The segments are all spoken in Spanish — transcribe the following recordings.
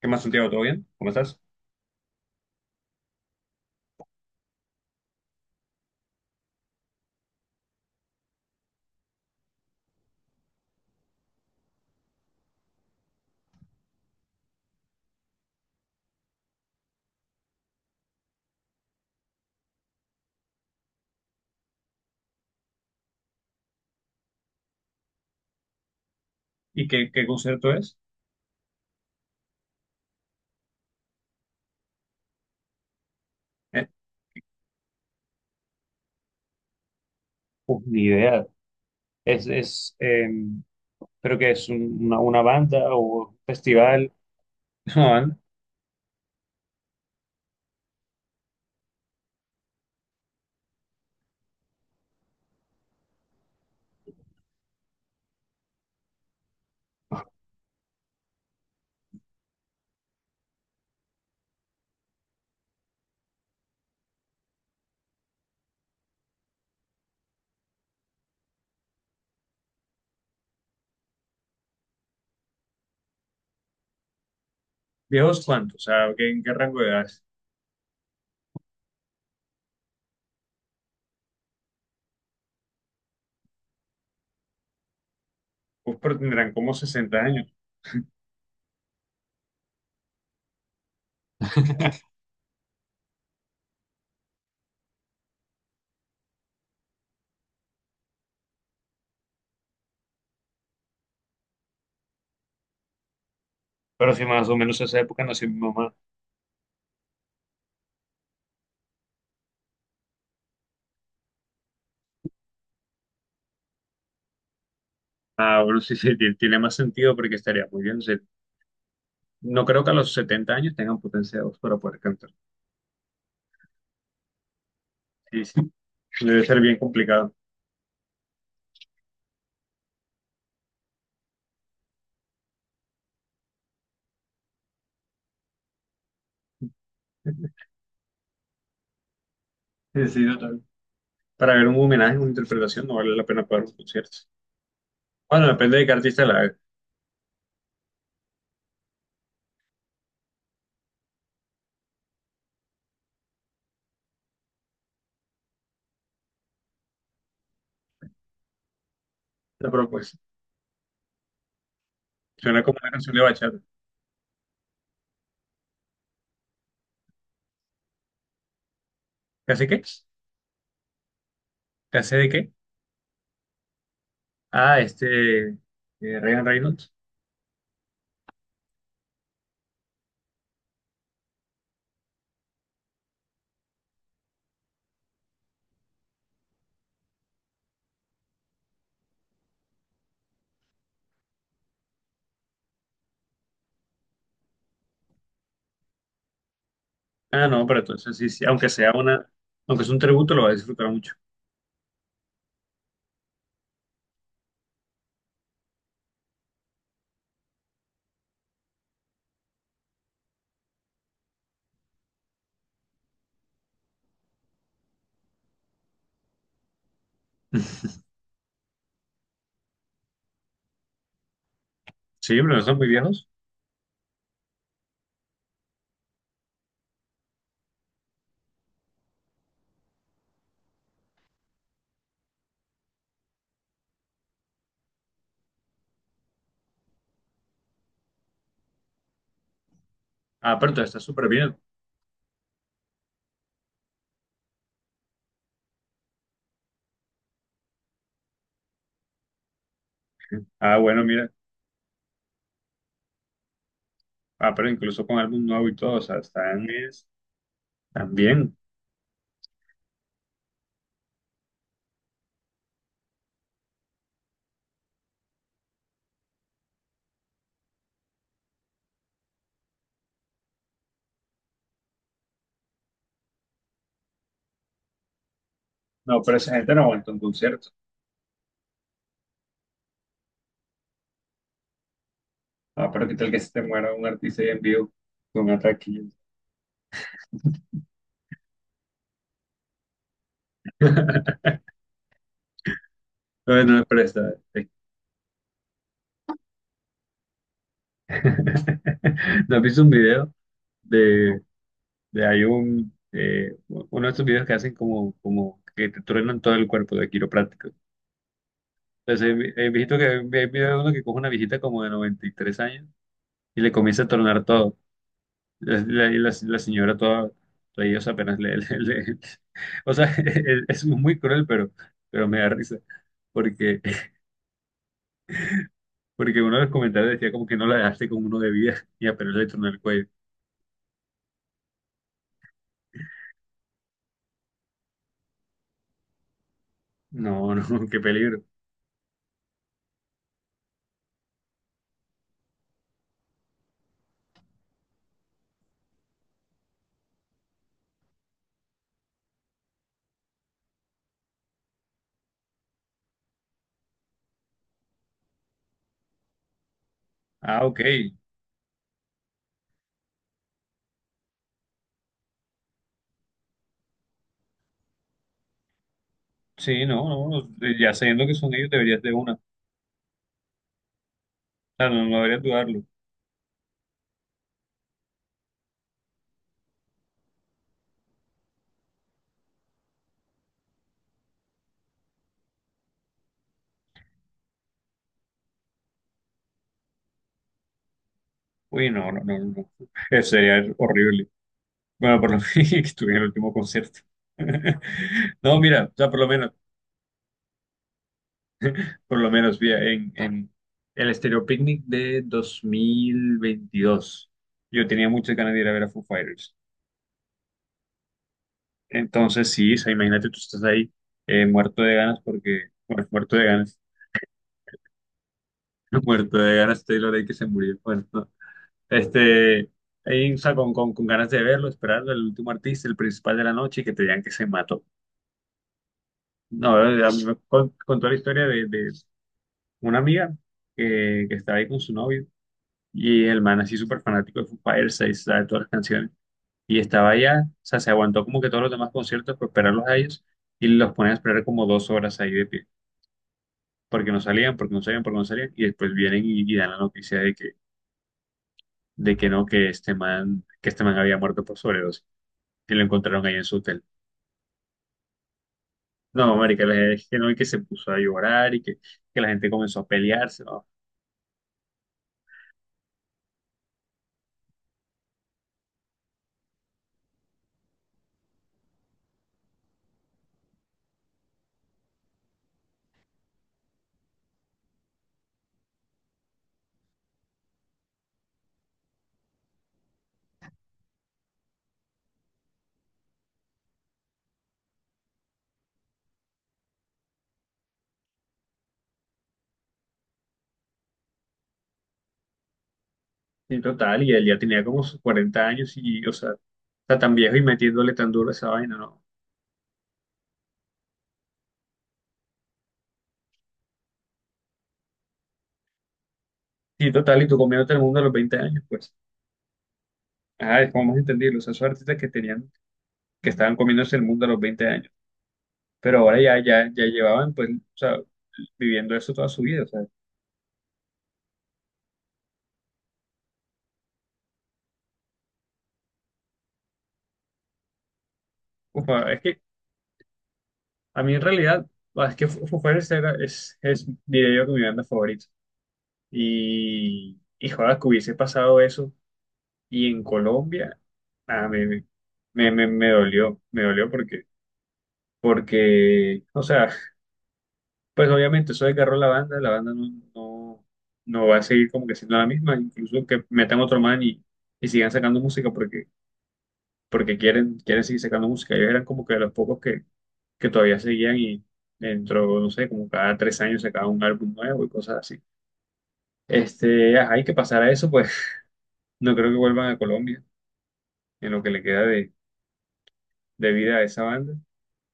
¿Qué más, Santiago? ¿Todo bien? ¿Cómo estás? ¿Y qué concierto es? Eh, Pues ni idea. Es, es, em, Creo que es una banda o un festival. No, van. ¿Viejos cuántos? O sea, ¿en qué rango de edad? Pues pero tendrán como 60 años. Pero si más o menos esa época nació mi mamá. Ah, bueno, sí, sí, tiene más sentido porque estaría muy bien. O sea, no creo que a los 70 años tengan potencia de voz para poder cantar. Sí, sí, debe ser bien complicado. Sí, sí, total. Para ver un homenaje, una interpretación, no vale la pena pagar un concierto. Bueno, depende de qué artista la haga. La propuesta. Suena como una canción de bachata. ¿Qué hace qué? ¿Qué hace de qué? Ah, Ryan Reynolds. Ah, no, pero entonces sí, sí. Aunque sea una. Aunque es un tributo, lo va a disfrutar mucho. Sí, pero no son muy viejos. Ah, pero entonces está súper bien. Ah, bueno, mira. Ah, pero incluso con álbum nuevo y todo. O sea, están. Están bien. No, pero esa gente no aguanta un concierto. Ah, pero qué tal que se te muera un artista ahí en vivo con ataque. Bueno, pero está. ¿No has visto un video de, de uno de estos videos que hacen como que te truenan todo el cuerpo de quiropráctico? Entonces, he vi- hay viejito que, hay video de uno que coge una viejita como de 93 años y le comienza a tronar todo. La señora toda ellos apenas le O sea, es muy cruel, pero me da risa. Porque, porque uno de los comentarios decía como que no la dejaste con uno de vida y apenas le tronó el cuello. No, no, qué peligro. Ah, ok. Sí, no, no, no, ya sabiendo que son ellos, deberías de una. O sea, no, no deberías dudarlo. Uy, no, no, no, no. No. Sería horrible. Bueno, por lo menos que estuviera en el último concierto. No, mira, o sea, por lo menos, mira, en el Stereo Picnic de 2022, yo tenía muchas ganas de ir a ver a Foo Fighters. Entonces, sí, o sea, imagínate, tú estás ahí muerto de ganas porque, bueno, muerto de ganas, muerto de ganas, Taylor ahí que se murió. Bueno, no, Este, ahí, o sea, con ganas de verlo, esperando el último artista, el principal de la noche, y que te digan que se mató. No, a mí me contó la historia de una amiga que estaba ahí con su novio, y el man así súper fanático de Foo Fighters, se sabe todas las canciones, y estaba allá, o sea, se aguantó como que todos los demás conciertos por esperarlos a ellos, y los ponían a esperar como 2 horas ahí de pie, porque no salían, porque no salían, porque no salían, y después vienen y dan la noticia de que no, que este man había muerto por sobredosis, y lo encontraron ahí en su hotel. No, marica, la gente es que no, y que se puso a llorar y que la gente comenzó a pelearse, ¿no? En total, y él ya tenía como sus 40 años y, o sea, está tan viejo y metiéndole tan duro a esa vaina, ¿no? Y total, y tú comiéndote el mundo a los 20 años, pues, ah, es como más entendible, o sea, esos artistas que tenían, que estaban comiéndose el mundo a los 20 años, pero ahora ya, ya llevaban, pues, o sea, viviendo eso toda su vida, o sea, ufa, es que a mí en realidad, es que Foo Fighters diría yo, que mi banda favorita, y joder, que hubiese pasado eso. Y en Colombia, ah, me, me dolió, me dolió porque, porque, o sea, pues obviamente eso desgarró la banda no, no, no va a seguir como que siendo la misma, incluso que metan otro man y sigan sacando música porque, quieren seguir sacando música. Ellos eran como que de los pocos que todavía seguían y dentro, no sé, como cada 3 años sacaban un álbum nuevo y cosas así. Ajá, y que pasara eso, pues no creo que vuelvan a Colombia en lo que le queda de vida a esa banda.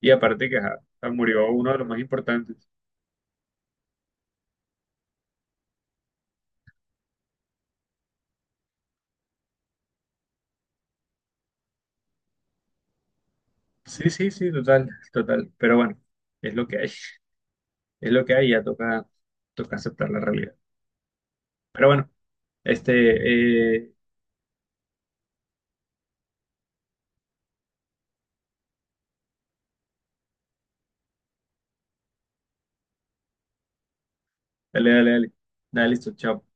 Y aparte que ajá, ah, murió uno de los más importantes. Sí, sí, sí, total, total. Pero bueno, es lo que hay. Es lo que hay, ya toca, toca aceptar la realidad. Pero bueno, este, eh, dale, dale, dale. Dale, listo, chao.